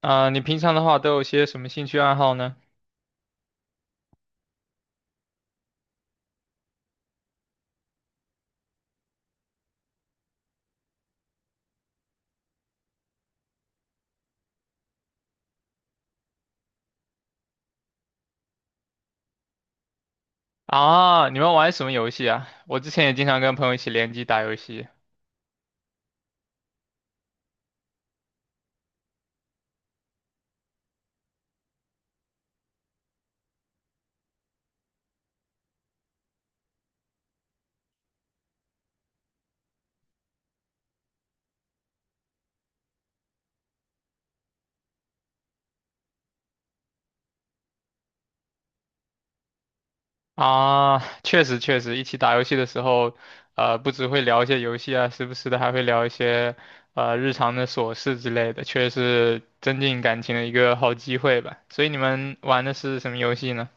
啊、你平常的话都有些什么兴趣爱好呢？啊，你们玩什么游戏啊？我之前也经常跟朋友一起联机打游戏啊，确实确实，一起打游戏的时候，不只会聊一些游戏啊，时不时的还会聊一些日常的琐事之类的，确实是增进感情的一个好机会吧。所以你们玩的是什么游戏呢？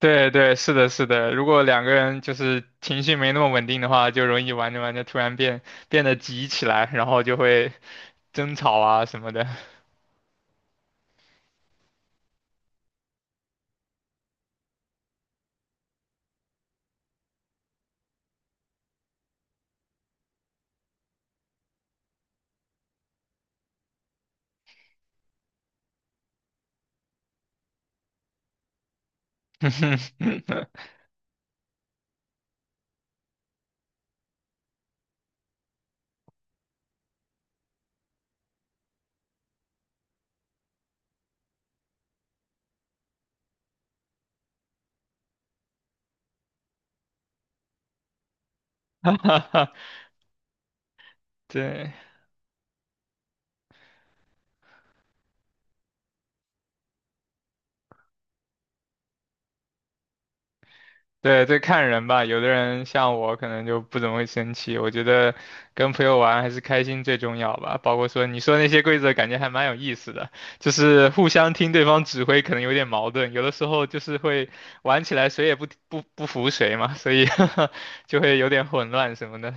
对对，是的，是的。如果两个人就是情绪没那么稳定的话，就容易玩着玩着突然变得急起来，然后就会争吵啊什么的。对对，对，看人吧，有的人像我可能就不怎么会生气。我觉得跟朋友玩还是开心最重要吧。包括说你说那些规则，感觉还蛮有意思的，就是互相听对方指挥，可能有点矛盾。有的时候就是会玩起来谁也不服谁嘛，所以 就会有点混乱什么的。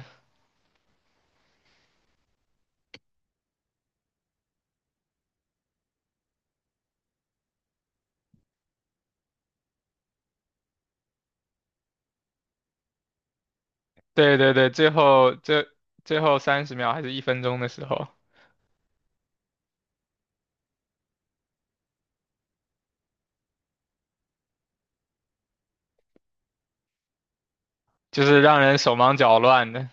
对对对，最后30秒还是1分钟的时候，就是让人手忙脚乱的。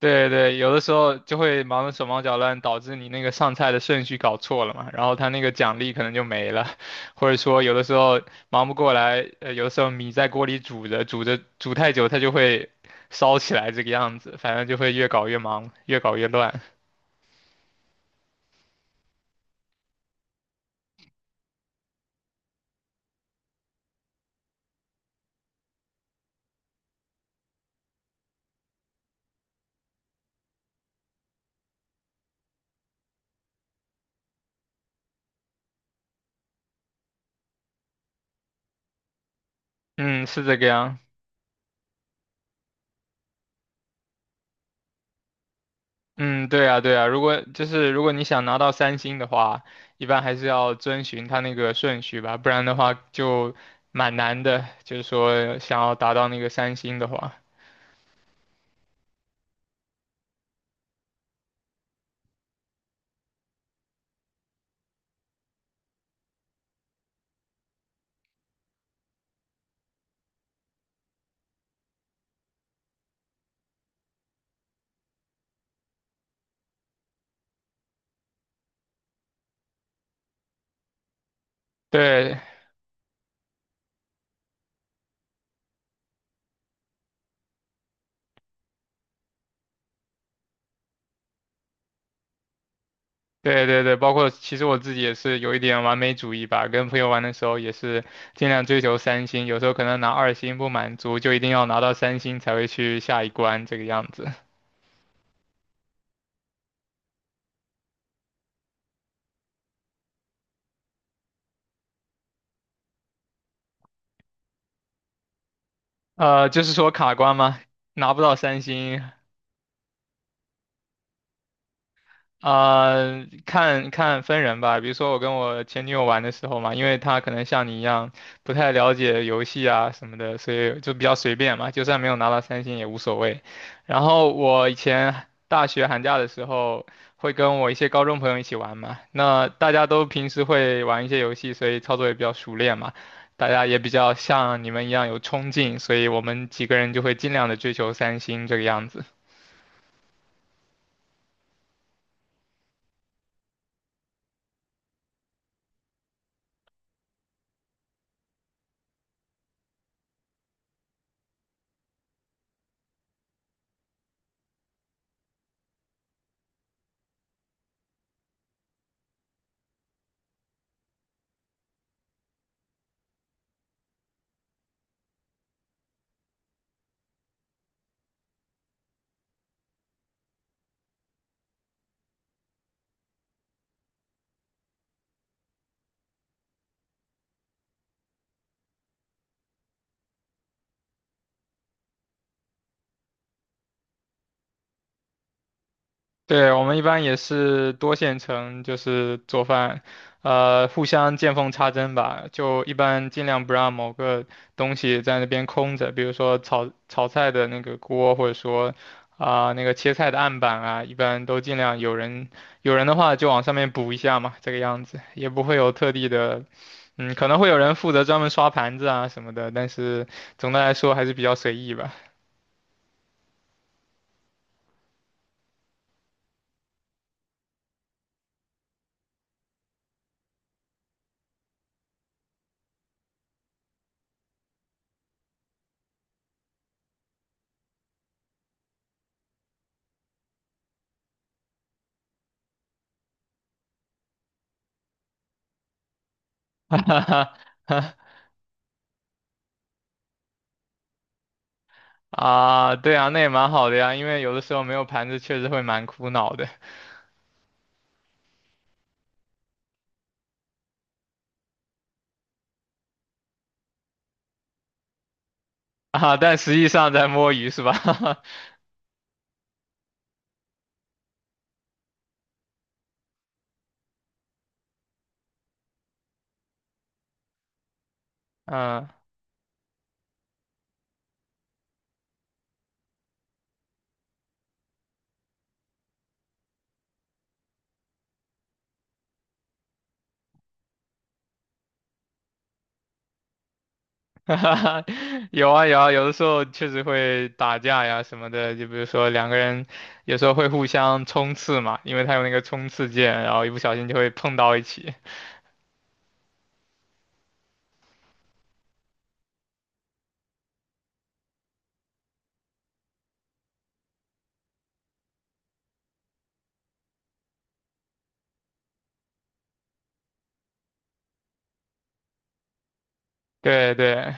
对对，有的时候就会忙得手忙脚乱，导致你那个上菜的顺序搞错了嘛，然后他那个奖励可能就没了，或者说有的时候忙不过来，有的时候米在锅里煮着煮着煮太久，它就会烧起来这个样子，反正就会越搞越忙，越搞越乱。嗯，是这个样。嗯，对啊，对啊，如果如果你想拿到三星的话，一般还是要遵循它那个顺序吧，不然的话就蛮难的，就是说想要达到那个三星的话。对对对对，包括其实我自己也是有一点完美主义吧，跟朋友玩的时候也是尽量追求三星，有时候可能拿二星不满足，就一定要拿到三星才会去下一关这个样子。就是说卡关吗？拿不到三星，啊、看看分人吧。比如说我跟我前女友玩的时候嘛，因为她可能像你一样不太了解游戏啊什么的，所以就比较随便嘛，就算没有拿到三星也无所谓。然后我以前大学寒假的时候会跟我一些高中朋友一起玩嘛，那大家都平时会玩一些游戏，所以操作也比较熟练嘛。大家也比较像你们一样有冲劲，所以我们几个人就会尽量的追求三星这个样子。对，我们一般也是多线程，就是做饭，互相见缝插针吧。就一般尽量不让某个东西在那边空着，比如说炒菜的那个锅，或者说啊、那个切菜的案板啊，一般都尽量有人的话就往上面补一下嘛，这个样子也不会有特地的，嗯，可能会有人负责专门刷盘子啊什么的，但是总的来说还是比较随意吧。哈哈啊，对啊，那也蛮好的呀，因为有的时候没有盘子确实会蛮苦恼的啊，但实际上在摸鱼是吧？嗯，有啊有啊，有的时候确实会打架呀什么的，就比如说两个人有时候会互相冲刺嘛，因为他有那个冲刺键，然后一不小心就会碰到一起。对对，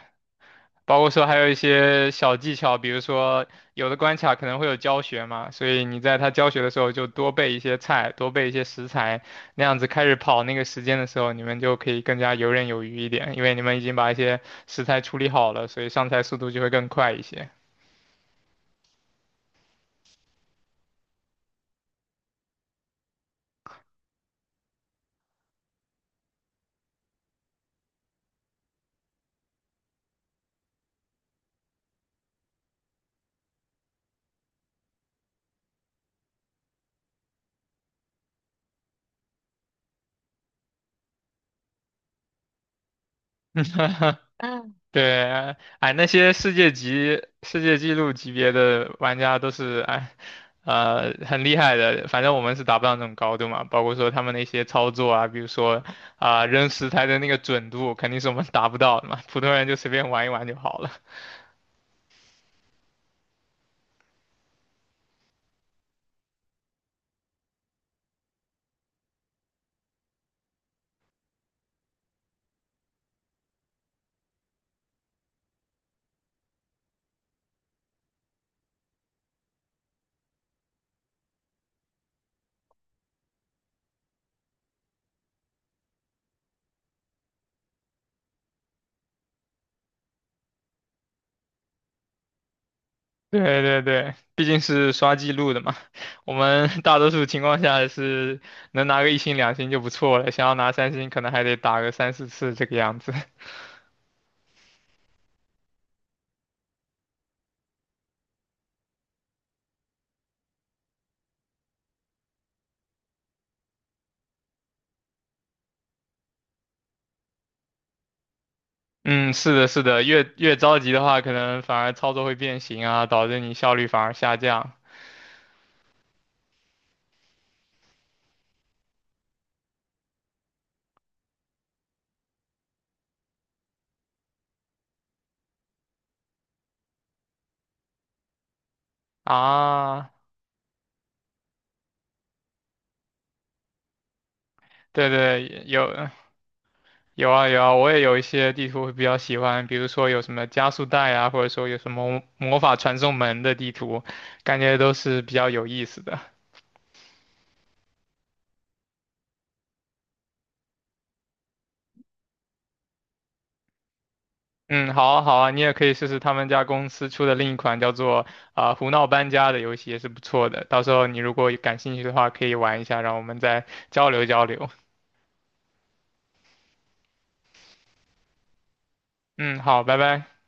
包括说还有一些小技巧，比如说有的关卡可能会有教学嘛，所以你在他教学的时候就多备一些菜，多备一些食材，那样子开始跑那个时间的时候，你们就可以更加游刃有余一点，因为你们已经把一些食材处理好了，所以上菜速度就会更快一些。对，哎，那些世界级、世界纪录级别的玩家都是哎，很厉害的。反正我们是达不到那种高度嘛，包括说他们那些操作啊，比如说啊、扔石材的那个准度，肯定是我们 达不到的嘛。普通人就随便玩一玩就好了。对对对，毕竟是刷记录的嘛。我们大多数情况下是能拿个一星两星就不错了，想要拿三星可能还得打个三四次这个样子。嗯，是的，是的，越着急的话，可能反而操作会变形啊，导致你效率反而下降啊。对对，有啊有啊，我也有一些地图会比较喜欢，比如说有什么加速带啊，或者说有什么魔法传送门的地图，感觉都是比较有意思的。嗯，好啊好啊，你也可以试试他们家公司出的另一款叫做啊、胡闹搬家的游戏，也是不错的。到时候你如果感兴趣的话，可以玩一下，让我们再交流交流。嗯，好，拜拜。